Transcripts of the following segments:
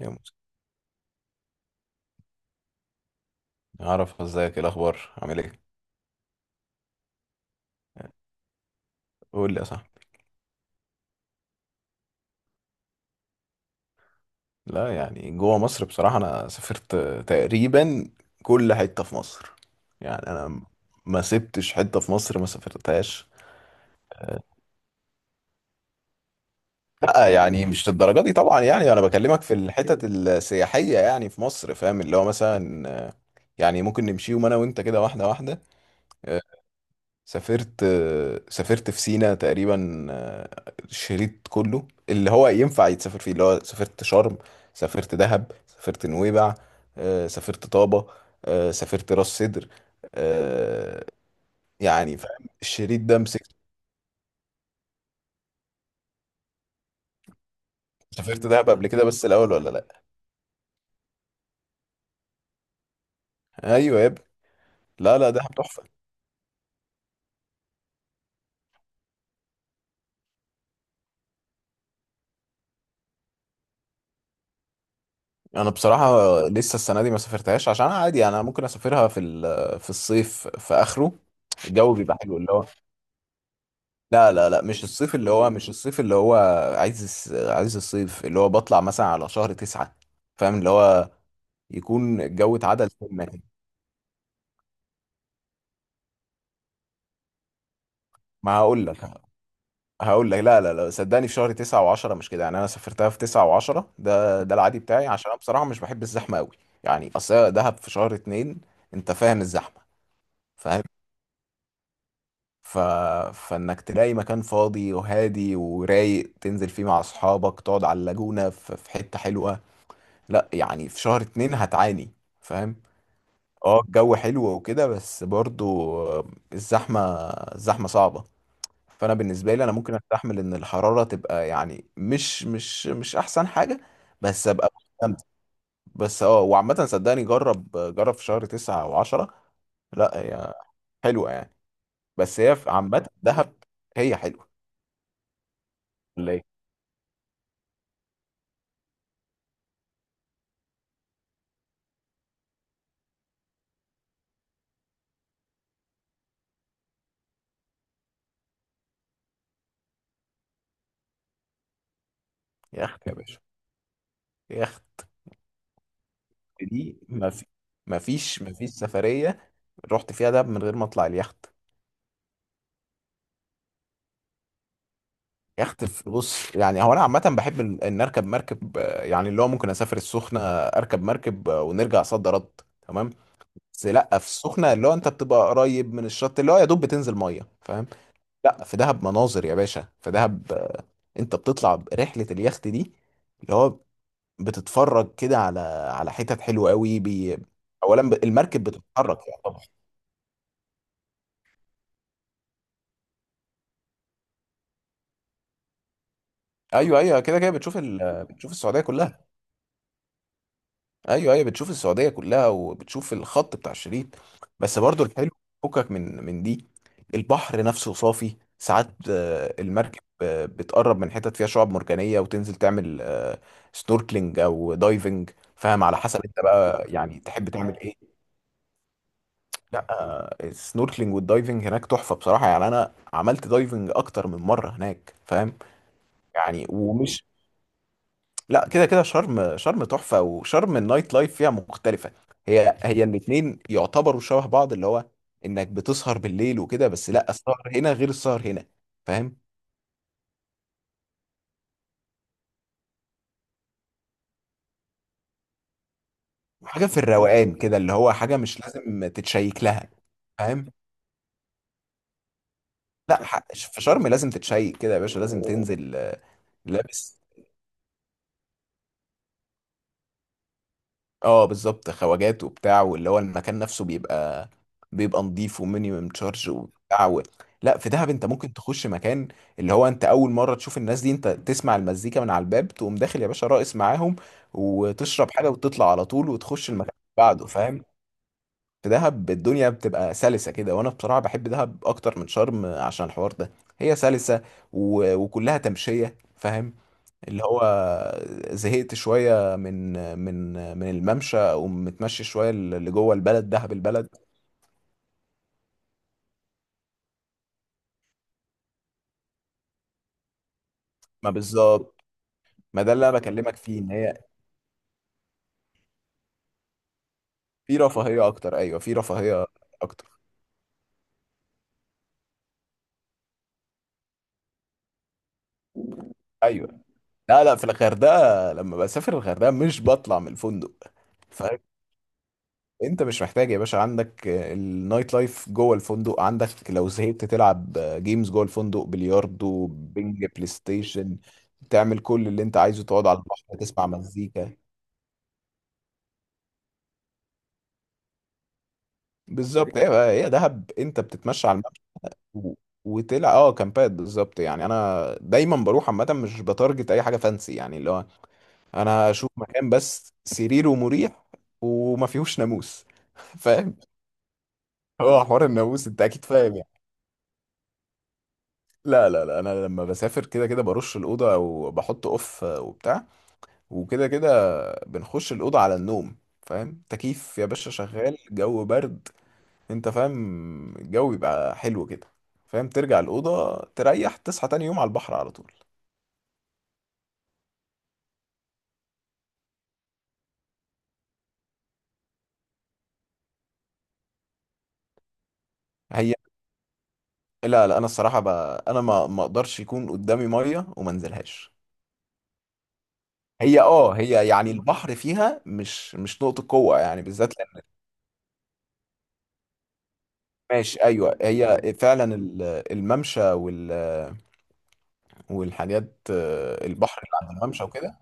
يا موسى، اعرف ازيك؟ ايه الاخبار؟ عامل ايه؟ قول لي يا صاحبي. لا يعني جوه مصر بصراحه انا سافرت تقريبا كل حته في مصر، يعني انا ما سبتش حته في مصر ما سافرتهاش. لا يعني مش للدرجه دي طبعا، يعني انا بكلمك في الحتت السياحيه يعني في مصر، فاهم اللي هو مثلا يعني ممكن نمشيهم انا وانت كده واحده واحده. سافرت سافرت في سينا تقريبا الشريط كله اللي هو ينفع يتسافر فيه، اللي هو سافرت شرم، سافرت دهب، سافرت نويبع، سافرت طابة، سافرت راس سدر، آه، يعني فاهم الشريط ده مسكت. سافرت دهب قبل كده بس الأول ولا لأ؟ أيوة يا ابني. لا لا، دهب تحفة. أنا بصراحة لسه السنة دي ما سافرتهاش عشان عادي، يعني أنا ممكن أسافرها في الصيف في آخره. الجو بيبقى حلو اللي هو. لا لا لا، مش الصيف اللي هو، مش الصيف اللي هو. عايز الصيف اللي هو بطلع مثلا على شهر تسعة، فاهم اللي هو يكون الجو اتعدل سنة كده. ما هقول لك هقول لك لا لا لا، صدقني، في شهر تسعة وعشرة مش كده، يعني انا سافرتها في تسعة وعشرة، ده العادي بتاعي، عشان انا بصراحة مش بحب الزحمة قوي. يعني اصل هي دهب في شهر اتنين، انت فاهم الزحمة، فاهم؟ ف... فانك تلاقي مكان فاضي وهادي ورايق تنزل فيه مع اصحابك، تقعد على اللاجونة في حتة حلوة. لا يعني في شهر اتنين هتعاني، فاهم. اه الجو حلو وكده بس برضو الزحمة الزحمة صعبة. فانا بالنسبة لي انا ممكن استحمل ان الحرارة تبقى، يعني مش احسن حاجة، بس ابقى مستمتع. بس اه، وعامة صدقني جرب جرب في شهر تسعة او عشرة. لا هي حلوة يعني، بس هي في عامة دهب هي حلوة، ولا ايه؟ يخت يا باشا، يخت. دي ما فيش سفرية رحت فيها دهب من غير ما اطلع اليخت. بص، يعني هو انا عامه بحب ان اركب مركب، يعني اللي هو ممكن اسافر السخنه اركب مركب، ونرجع صد رد، تمام. بس لا في السخنه اللي هو انت بتبقى قريب من الشط، اللي هو يا دوب بتنزل ميه، فاهم. لا في دهب مناظر يا باشا، في دهب انت بتطلع رحله اليخت دي، اللي هو بتتفرج كده على حتت حلوه قوي اولا المركب بتتحرك يعني طبعا. ايوه ايوه، كده كده بتشوف بتشوف السعوديه كلها. ايوه ايوه، بتشوف السعوديه كلها وبتشوف الخط بتاع الشريط. بس برضو الحلو فكك من دي. البحر نفسه صافي ساعات، المركب بتقرب من حتت فيها شعاب مرجانيه، وتنزل تعمل سنوركلينج او دايفنج، فاهم، على حسب انت بقى يعني تحب تعمل ايه. لا السنوركلينج والدايفنج هناك تحفه بصراحه، يعني انا عملت دايفنج اكتر من مره هناك، فاهم. يعني ومش، لا كده كده شرم تحفة، وشرم النايت لايف فيها مختلفة. هي هي الاتنين يعتبروا شبه بعض، اللي هو انك بتسهر بالليل وكده، بس لا السهر هنا غير السهر هنا، فاهم. حاجة في الروقان كده اللي هو حاجة مش لازم تتشيك لها، فاهم. لا في شرم لازم تتشيك كده يا باشا، لازم تنزل لابس. اه بالظبط، خواجات وبتاع، واللي هو المكان نفسه بيبقى نظيف ومينيمم تشارج وبتاع لا في دهب انت ممكن تخش مكان اللي هو انت اول مره تشوف الناس دي، انت تسمع المزيكا من على الباب تقوم داخل يا باشا راقص معاهم، وتشرب حاجه وتطلع على طول وتخش المكان اللي بعده، فاهم. في دهب الدنيا بتبقى سلسه كده، وانا بصراحه بحب دهب اكتر من شرم عشان الحوار ده. هي سلسه وكلها تمشيه، فاهم، اللي هو زهقت شوية من الممشى، أو متمشي شوية اللي جوه البلد، دهب البلد. ما بالظبط. ما ده اللي أنا بكلمك فيه، إن هي في رفاهية أكتر، أيوه في رفاهية أكتر، أيوه. لا لا، في الغردقة لما بسافر الغردقة مش بطلع من الفندق، فاهم. أنت مش محتاج يا باشا، عندك النايت لايف جوه الفندق، عندك لو زهقت تلعب جيمز جوه الفندق، بلياردو، بينج، بلاي ستيشن، تعمل كل اللي أنت عايزه، تقعد على البحر تسمع مزيكا، بالظبط. هي دهب انت بتتمشى على الممشى و- وتلع كامبات بالظبط. يعني انا دايما بروح عامه مش بتارجت اي حاجه فانسي، يعني اللي هو انا اشوف مكان بس سريره مريح وما فيهوش ناموس فاهم. هو حوار الناموس انت اكيد فاهم، يعني لا لا لا، انا لما بسافر كده كده برش الاوضه او بحط اوف وبتاع، وكده كده بنخش الاوضه على النوم، فاهم، تكييف يا باشا شغال، جو برد. انت فاهم الجو يبقى حلو كده، فاهم، ترجع الأوضة تريح تصحى تاني يوم على البحر على طول. هي لا لا، انا الصراحة بقى انا ما اقدرش يكون قدامي مية وما انزلهاش. هي هي يعني البحر فيها مش نقطة قوة يعني، بالذات لان ماشي ايوه، هي فعلا الممشى والحاجات البحر اللي عند الممشى وكده.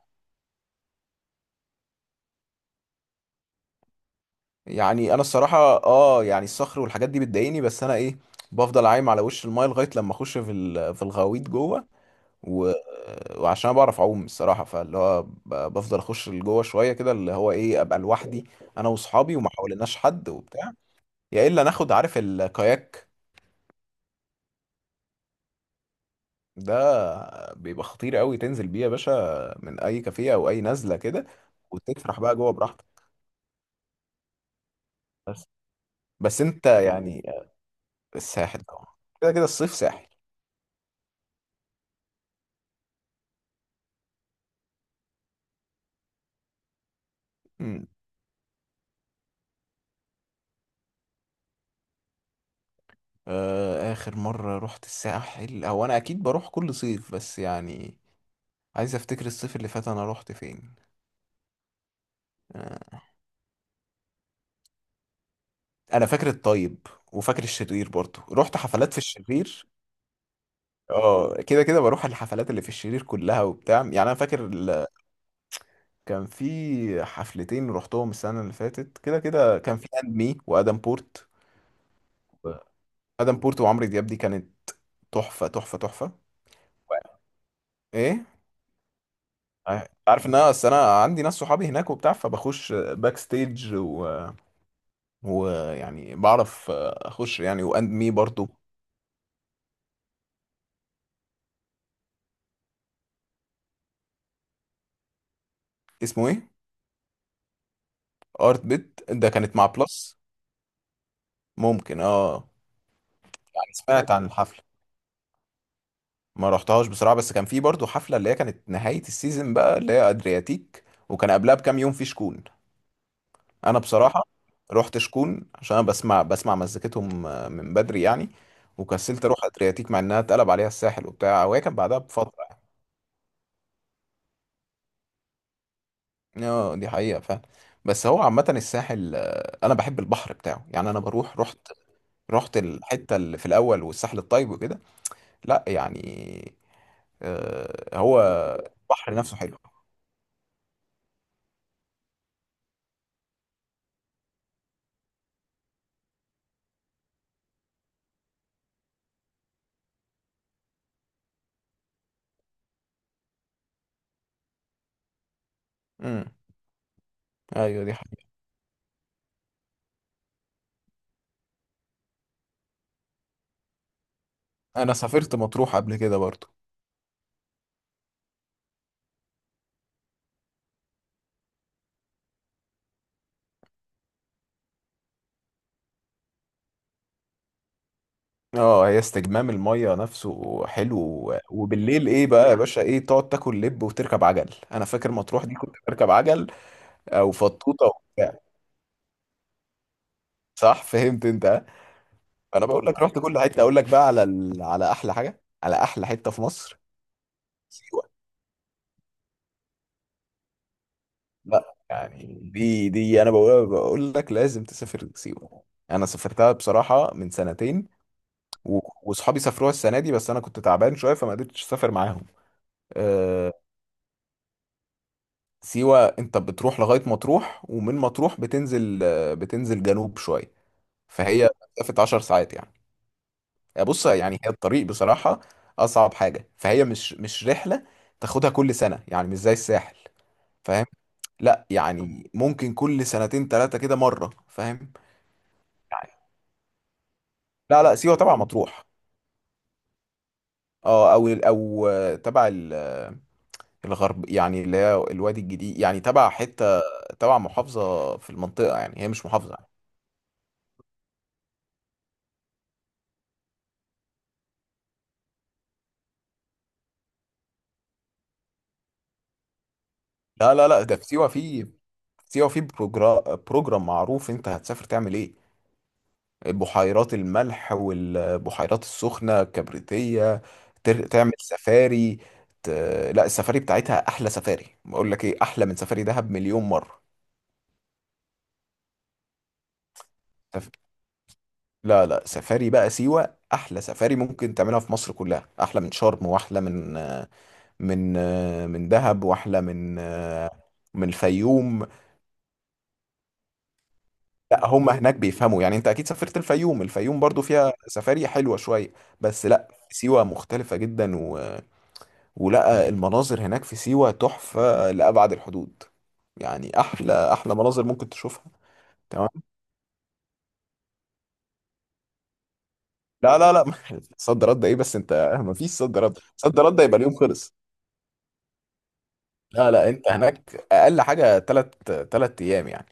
يعني انا الصراحة اه يعني الصخر والحاجات دي بتضايقني، بس انا ايه، بفضل عايم على وش المايه لغايه لما اخش في الغويط جوه و... وعشان انا بعرف اعوم الصراحه، فاللي هو بفضل اخش لجوه شويه كده، اللي هو ايه، ابقى لوحدي انا واصحابي وما حواليناش حد وبتاع. يا الا ناخد، عارف الكاياك؟ ده بيبقى خطير قوي تنزل بيه يا باشا، من اي كافيه او اي نزله كده، وتفرح بقى جوه براحتك. بس بس انت يعني الساحل طبعا، كده كده الصيف ساحل. امم اخر مره رحت الساحل، هو انا اكيد بروح كل صيف، بس يعني عايز افتكر الصيف اللي فات انا رحت فين. آه، انا فاكر الطيب، وفاكر الشرير برضه، رحت حفلات في الشرير. اه كده كده بروح الحفلات اللي في الشرير كلها وبتاع، يعني انا فاكر كان في حفلتين رحتهم السنه اللي فاتت، كده كده كان في اند مي وادم بورت. ادم بورت وعمرو دياب، دي كانت تحفه تحفه تحفه. ايه؟ عارف ان انا اصل انا عندي ناس صحابي هناك وبتاع، فبخش باك ستيج ويعني بعرف اخش، يعني واند مي برضو. اسمه ايه؟ ارت بيت ده كانت مع بلس. ممكن اه. يعني سمعت عن الحفله ما رحتهاش بصراحه، بس كان في برضو حفله اللي هي كانت نهايه السيزون بقى، اللي هي ادرياتيك، وكان قبلها بكام يوم في شكون. انا بصراحه رحت شكون عشان انا بسمع مزيكتهم من بدري يعني، وكسلت اروح ادرياتيك مع انها اتقلب عليها الساحل وبتاع، وهي كان بعدها بفتره. يعني دي حقيقه فعلا. بس هو عامه الساحل، انا بحب البحر بتاعه، يعني انا بروح، رحت الحته اللي في الاول والساحل الطيب وكده. لا يعني هو البحر نفسه حلو. امم، ايوه دي حقيقة. انا سافرت مطروح قبل كده برضو. اه هي استجمام المية نفسه حلو، وبالليل ايه بقى يا باشا، ايه، تقعد تاكل لب وتركب عجل، انا فاكر مطروح دي كنت بركب عجل او فطوطة وبتاع. صح، فهمت انت ها؟ انا بقول لك رحت كل حتة، اقول لك بقى على على احلى حاجة على احلى حتة في مصر: سيوة. لا يعني دي انا بقول لك لازم تسافر سيوة. انا سافرتها بصراحة من سنتين، وصحابي سافروها السنه دي، بس انا كنت تعبان شويه فما قدرتش اسافر معاهم، آه، سيوه انت بتروح لغايه مطروح، ومن مطروح بتنزل جنوب شويه، فهي مسافه 10 ساعات يعني. بص يعني هي الطريق بصراحه اصعب حاجه، فهي مش رحله تاخدها كل سنه يعني، مش زي الساحل، فاهم. لا يعني ممكن كل سنتين ثلاثه كده مره، فاهم. يعني لا لا سيوه تبع مطروح. اه او تبع الغرب يعني، اللي هي الوادي الجديد يعني، تبع حتة، تبع محافظة في المنطقة، يعني هي مش محافظة يعني. لا لا لا، ده في سيوة، في سيوة في بروجرام معروف انت هتسافر تعمل ايه: بحيرات الملح والبحيرات السخنة الكبريتية، تعمل سفاري ت... لا السفاري بتاعتها احلى سفاري، بقول لك ايه، احلى من سفاري دهب مليون مرة. سف... لا لا، سفاري بقى سيوة احلى سفاري ممكن تعملها في مصر كلها، احلى من شرم، واحلى من من دهب، واحلى من الفيوم. لا هم هناك بيفهموا، يعني انت اكيد سافرت الفيوم، الفيوم برضو فيها سفاري حلوة شوية، بس لا سيوة مختلفة جدا ولا المناظر هناك في سيوة تحفة لأبعد الحدود، يعني احلى احلى مناظر ممكن تشوفها. تمام. لا لا لا صد رد ايه بس انت ما فيش صد رد، صد رد يبقى اليوم خلص. لا لا، انت هناك اقل حاجة 3 3 ايام يعني.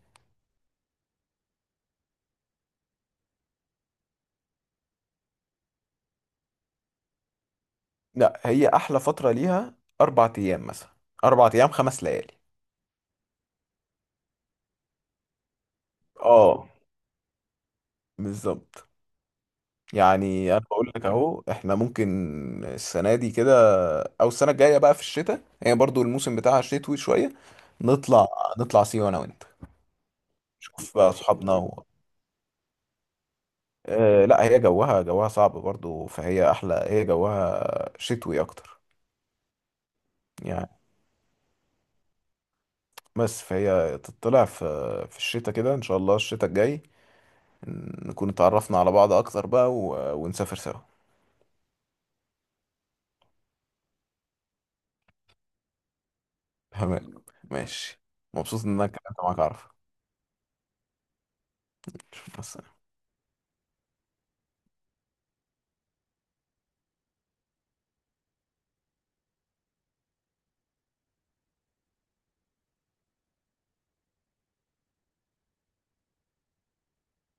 لا هي احلى فتره ليها 4 ايام مثلا، 4 ايام 5 ليالي، اه بالظبط. يعني انا بقول لك اهو احنا ممكن السنه دي كده، او السنه الجايه بقى في الشتاء، هي برضو الموسم بتاعها شتوي شويه، نطلع نطلع سيوه انا وانت، نشوف بقى اصحابنا لا هي جوها صعب برضو، فهي احلى، هي جوها شتوي اكتر. يعني بس فهي تطلع في الشتاء كده، ان شاء الله الشتاء الجاي نكون اتعرفنا على بعض اكتر بقى ونسافر سوا. تمام ماشي، مبسوط ان انا اتكلمت معاك. عارف